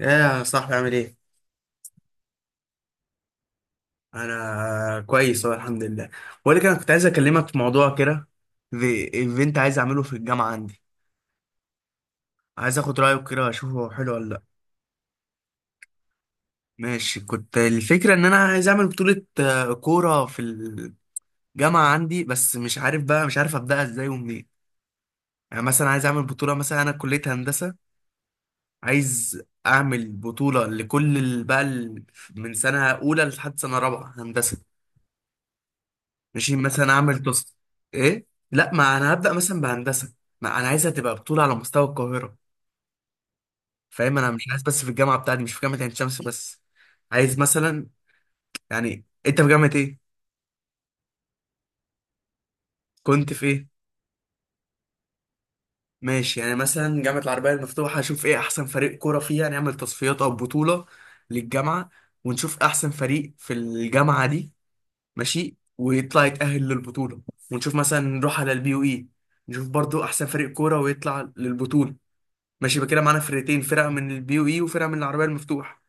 ايه يا صاحبي عامل ايه؟ انا كويس اهو الحمد لله. بقول لك انا كنت عايز اكلمك في موضوع كده. في ايفنت عايز اعمله في الجامعه عندي. عايز اخد رايك كده اشوفه هو حلو ولا لا. ماشي، كنت الفكره ان انا عايز اعمل بطوله كوره في الجامعه عندي، بس مش عارف بقى، مش عارف ابداها ازاي ومنين. يعني مثلا عايز اعمل بطوله، مثلا انا كليه هندسه، عايز اعمل بطوله لكل من سنه اولى لحد سنه رابعه هندسه. ماشي مثلا اعمل تاسك. ايه؟ لا، ما انا هبدا مثلا بهندسه. ما انا عايزها تبقى بطوله على مستوى القاهره، فاهم؟ انا مش عايز بس في الجامعه بتاعتي، مش في جامعه عين شمس بس. عايز مثلا، يعني انت في جامعه ايه؟ كنت في ايه؟ ماشي، يعني مثلا جامعه العربيه المفتوحه اشوف ايه احسن فريق كوره فيها، نعمل تصفيات او بطوله للجامعه، ونشوف احسن فريق في الجامعه دي. ماشي، ويطلع يتاهل للبطوله. ونشوف مثلا نروح على البي يو اي، نشوف برضو احسن فريق كوره ويطلع للبطوله. ماشي، يبقى كده معانا فرقتين: فرقه من البي يو اي وفرقه من العربيه المفتوح.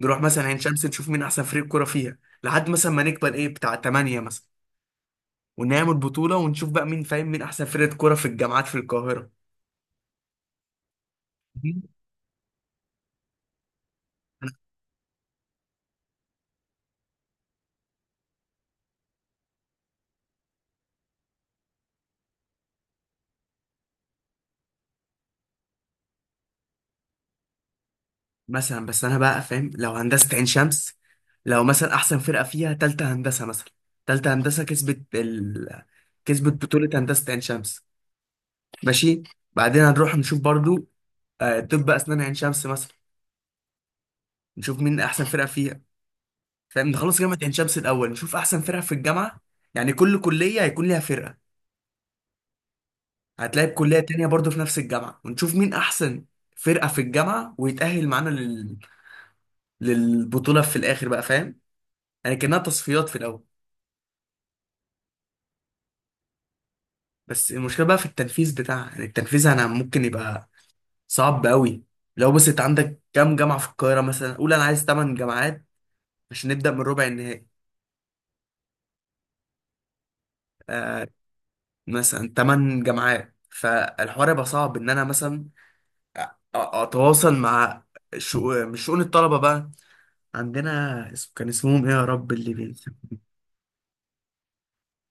نروح مثلا عين شمس نشوف مين احسن فريق كوره فيها، لحد مثلا ما نكبر ايه بتاع 8 مثلا. ونعمل بطوله ونشوف بقى مين، فاهم، مين احسن فرقه كوره في الجامعات في القاهره. مثلا بس انا بقى فاهم، لو هندسه عين شمس لو مثلا احسن فرقه فيها تالتة هندسه مثلا، تالتة هندسه كسبت بطوله هندسه عين شمس. ماشي، بعدين هنروح نشوف برضو، طب اسنان عين شمس مثلا، نشوف مين احسن فرقه فيها. فاهم؟ نخلص جامعة عين شمس الأول، نشوف أحسن فرق في الجامعة. يعني كل كلية هيكون ليها فرقة، هتلاقي بكلية تانية برضه في نفس الجامعة، ونشوف مين أحسن فرقة في الجامعة ويتأهل معانا للبطولة في الآخر، بقى فاهم؟ يعني كأنها تصفيات في الأول. بس المشكلة بقى في التنفيذ بتاعها، يعني التنفيذ أنا ممكن يبقى صعب قوي. لو بس أنت عندك كام جامعة في القاهرة، مثلا قول أنا عايز 8 جامعات عشان نبدأ من ربع النهائي. آه. مثلا 8 جامعات، فالحوار يبقى صعب إن أنا مثلا اتواصل مع مش شؤون الطلبه بقى عندنا، اسم كان اسمهم ايه يا رب، اللي بينسى.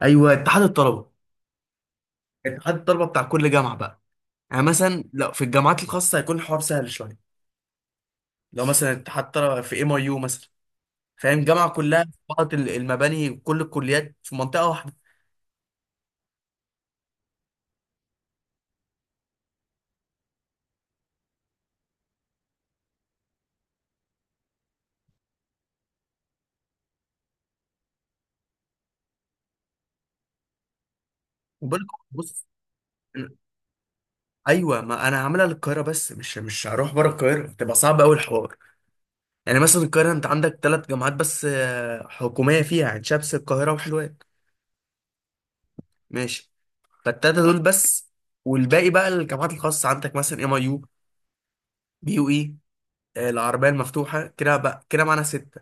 ايوه، اتحاد الطلبه. اتحاد الطلبه بتاع كل جامعه بقى. يعني مثلا لو في الجامعات الخاصه هيكون الحوار سهل شويه. لو مثلا اتحاد طلبه في ام اي يو مثلا، فاهم جامعه كلها في بعض المباني، كل الكليات في منطقه واحده. وبالك، بص، ايوه ما انا هعملها للقاهره بس، مش هروح بره القاهره، تبقى صعب قوي الحوار. يعني مثلا القاهره انت عندك ثلاث جامعات بس حكوميه، فيها عين شمس القاهره وحلوان. ماشي، فالتلاتة دول بس. والباقي بقى الجامعات الخاصة، عندك مثلا ام اي يو، بي يو اي، العربية المفتوحة، كده بقى كده معانا ستة.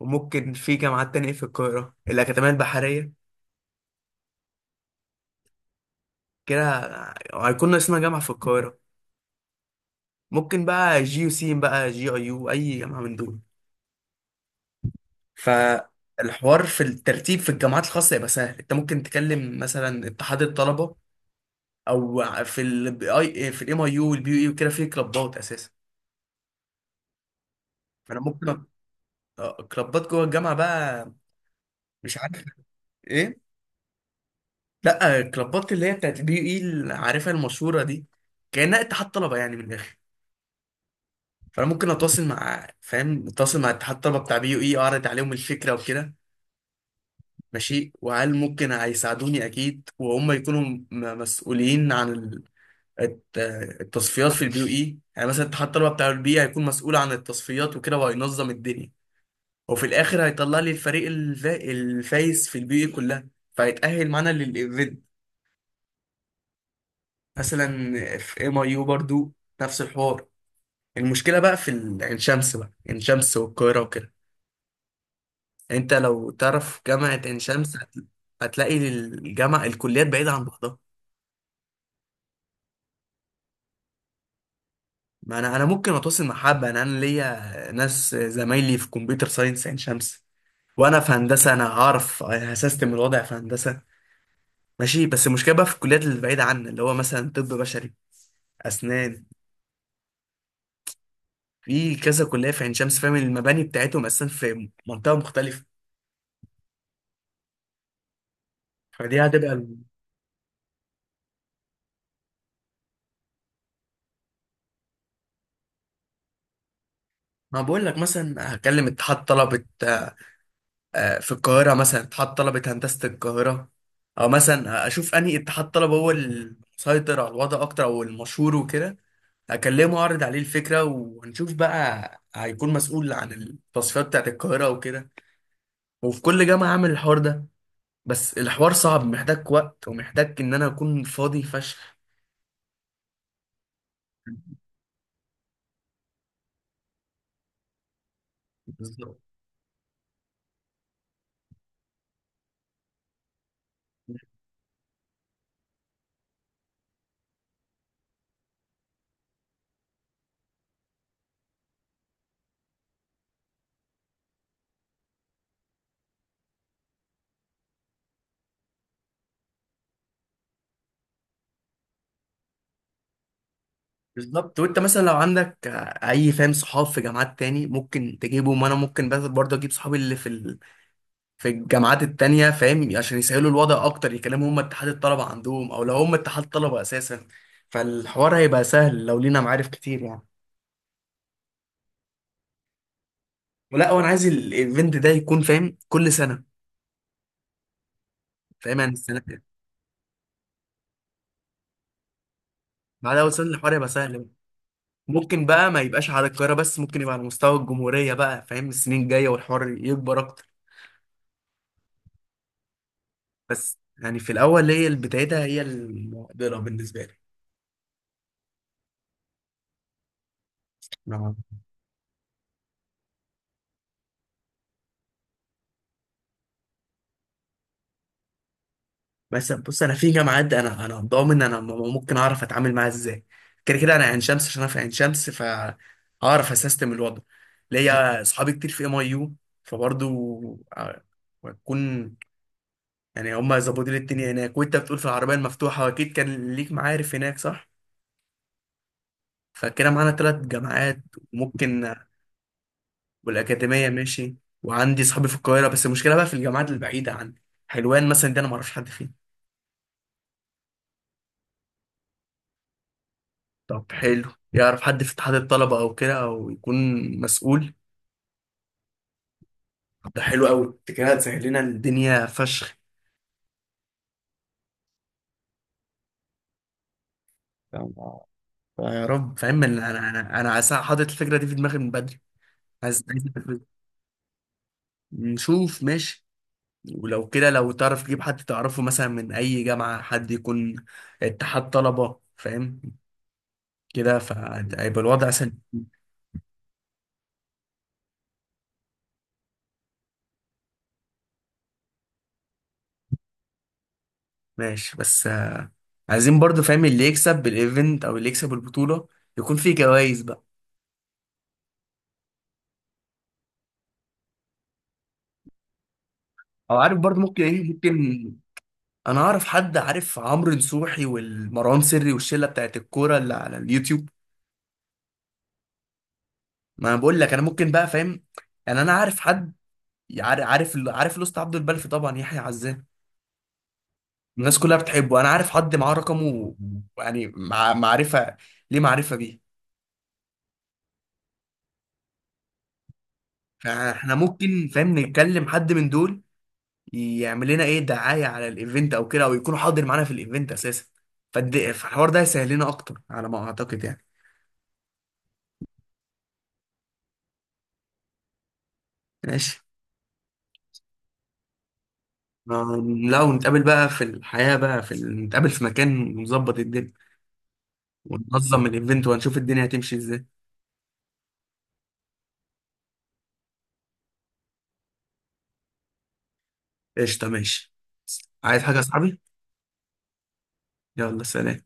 وممكن في جامعات تانية في القاهرة، الأكاديمية البحرية، كده هيكون ناقصنا جامعة في القاهرة. ممكن بقى جي يو سين بقى، جي اي يو، أي جامعة من دول. فالحوار في الترتيب في الجامعات الخاصة يبقى سهل، أنت ممكن تكلم مثلا اتحاد الطلبة، أو في الام اي يو والبي يو اي وكده في كلوبات أساسا. فأنا ممكن، كلابات جوه الجامعة بقى. مش عارف. ايه؟ لا، الكلابات اللي هي بتاعت بي اي اللي عارفها المشهورة دي، كأنها اتحاد طلبة يعني من الآخر. فأنا ممكن أتواصل مع، فاهم، أتواصل مع اتحاد الطلبة بتاع بي يو إي، أعرض عليهم الفكرة وكده. ماشي، وهل ممكن هيساعدوني؟ أكيد، وهم يكونوا مسؤولين عن الت- التصفيات في البي يو إي. يعني مثلا اتحاد الطلبة بتاع البي هيكون مسؤول عن التصفيات وكده، وهينظم الدنيا، وفي الاخر هيطلع لي الفريق الفايز في البي اي كلها، فهيتأهل معانا للايفنت. مثلا في ام اي يو برضو نفس الحوار. المشكله بقى في عين شمس بقى، عين شمس والقاهره وكده. انت لو تعرف جامعه عين شمس هتلاقي الجامعه الكليات بعيده عن بعضها. ما انا ممكن اتواصل مع حبه، انا ليا ناس زمايلي في كمبيوتر ساينس عين شمس، وانا في هندسه انا هعرف هسيستم الوضع في هندسه. ماشي، بس المشكله بقى في الكليات اللي بعيده عنا، اللي هو مثلا طب بشري، اسنان، في كذا كليه في عين شمس، فاهم المباني بتاعتهم اساسا في منطقه مختلفه. فدي هتبقى ال- ما بقول لك، مثلا هكلم اتحاد طلبه في القاهره، مثلا اتحاد طلبه هندسه القاهره، او مثلا اشوف انهي اتحاد طلبه هو المسيطر على الوضع اكتر او المشهور وكده، اكلمه اعرض عليه الفكره، وهنشوف بقى هيكون مسؤول عن التصفيات بتاعت القاهره وكده. وفي كل جامعه اعمل الحوار ده. بس الحوار صعب، محتاج وقت، ومحتاج ان انا اكون فاضي فشخ. بالظبط. بالظبط. وانت مثلا لو عندك اي، فاهم، صحاب في جامعات تاني ممكن تجيبهم، وانا ممكن بس برضه اجيب صحابي اللي في في الجامعات التانية، فاهم، عشان يسهلوا الوضع اكتر، يكلموا هم اتحاد الطلبة عندهم، او لو هم اتحاد طلبة اساسا فالحوار هيبقى سهل لو لينا معارف كتير يعني. ولا، وانا عايز الايفنت ده يكون، فاهم، كل سنة. فاهم؟ يعني السنة دي. بعد اول سنة الحوار هيبقى سهل بقى. ممكن بقى ما يبقاش على القاهرة بس، ممكن يبقى على مستوى الجمهورية بقى، فاهم، السنين الجاية والحوار يكبر اكتر. بس يعني في الاول، هي اللي بدايتها هي المعضله بالنسبه لي. أنا- بس بص، انا في جامعات انا ضامن انا ممكن اعرف اتعامل معاها ازاي. كده كده انا عين شمس عشان انا في عين شمس فهعرف اسيستم الوضع. ليا اصحابي كتير في ام اي يو، فبرضه بكون، يعني هما زبودين التانية هناك. وانت بتقول في العربيه المفتوحه اكيد كان ليك معارف هناك، صح؟ فكده معانا ثلاث جامعات وممكن، والاكاديميه ماشي. وعندي صحابي في القاهره، بس المشكله بقى في الجامعات البعيده عني. حلوان مثلا دي انا ما اعرفش حد فيه. طب حلو، يعرف حد في اتحاد الطلبه او كده، او يكون مسؤول. ده حلو قوي، انت كده هتسهل لنا الدنيا فشخ. فاهم؟ يا رب. فاهم انا انا انا أنا عايز- حاطط الفكره دي في دماغي من بدري. عايز، عايز أنفذها. نشوف، ماشي. ولو كده، لو تعرف تجيب حد تعرفه مثلا من اي جامعه، حد يكون اتحاد طلبه، فاهم، كده فهيبقى الوضع سهل. ماشي، بس عايزين برضو، فاهم، اللي يكسب الايفنت او اللي يكسب البطوله يكون فيه جوائز بقى. او عارف برضو ممكن، ايه، ممكن، انا اعرف حد عارف عمرو نصوحي والمروان سري والشله بتاعت الكوره اللي على اليوتيوب. ما انا بقول لك انا ممكن بقى، فاهم، يعني انا عارف حد، عارف لوست عبد البلفي طبعا، يحيى عزام، الناس كلها بتحبه، انا عارف حد معاه رقمه، يعني مع معرفه، ليه معرفه بيه. فاحنا ممكن، فاهم، نتكلم حد من دول يعمل لنا ايه دعايه على الايفنت او كده، او يكون حاضر معانا في الايفنت اساسا، فالحوار ده هيسهل لنا اكتر على ما اعتقد يعني. ماشي. ما- لو نتقابل بقى في الحياه بقى في نتقابل في مكان ونظبط الدنيا وننظم الايفنت، وهنشوف الدنيا هتمشي ازاي. قشطه، ماشي. عايز حاجه يا صاحبي؟ يلا سلام.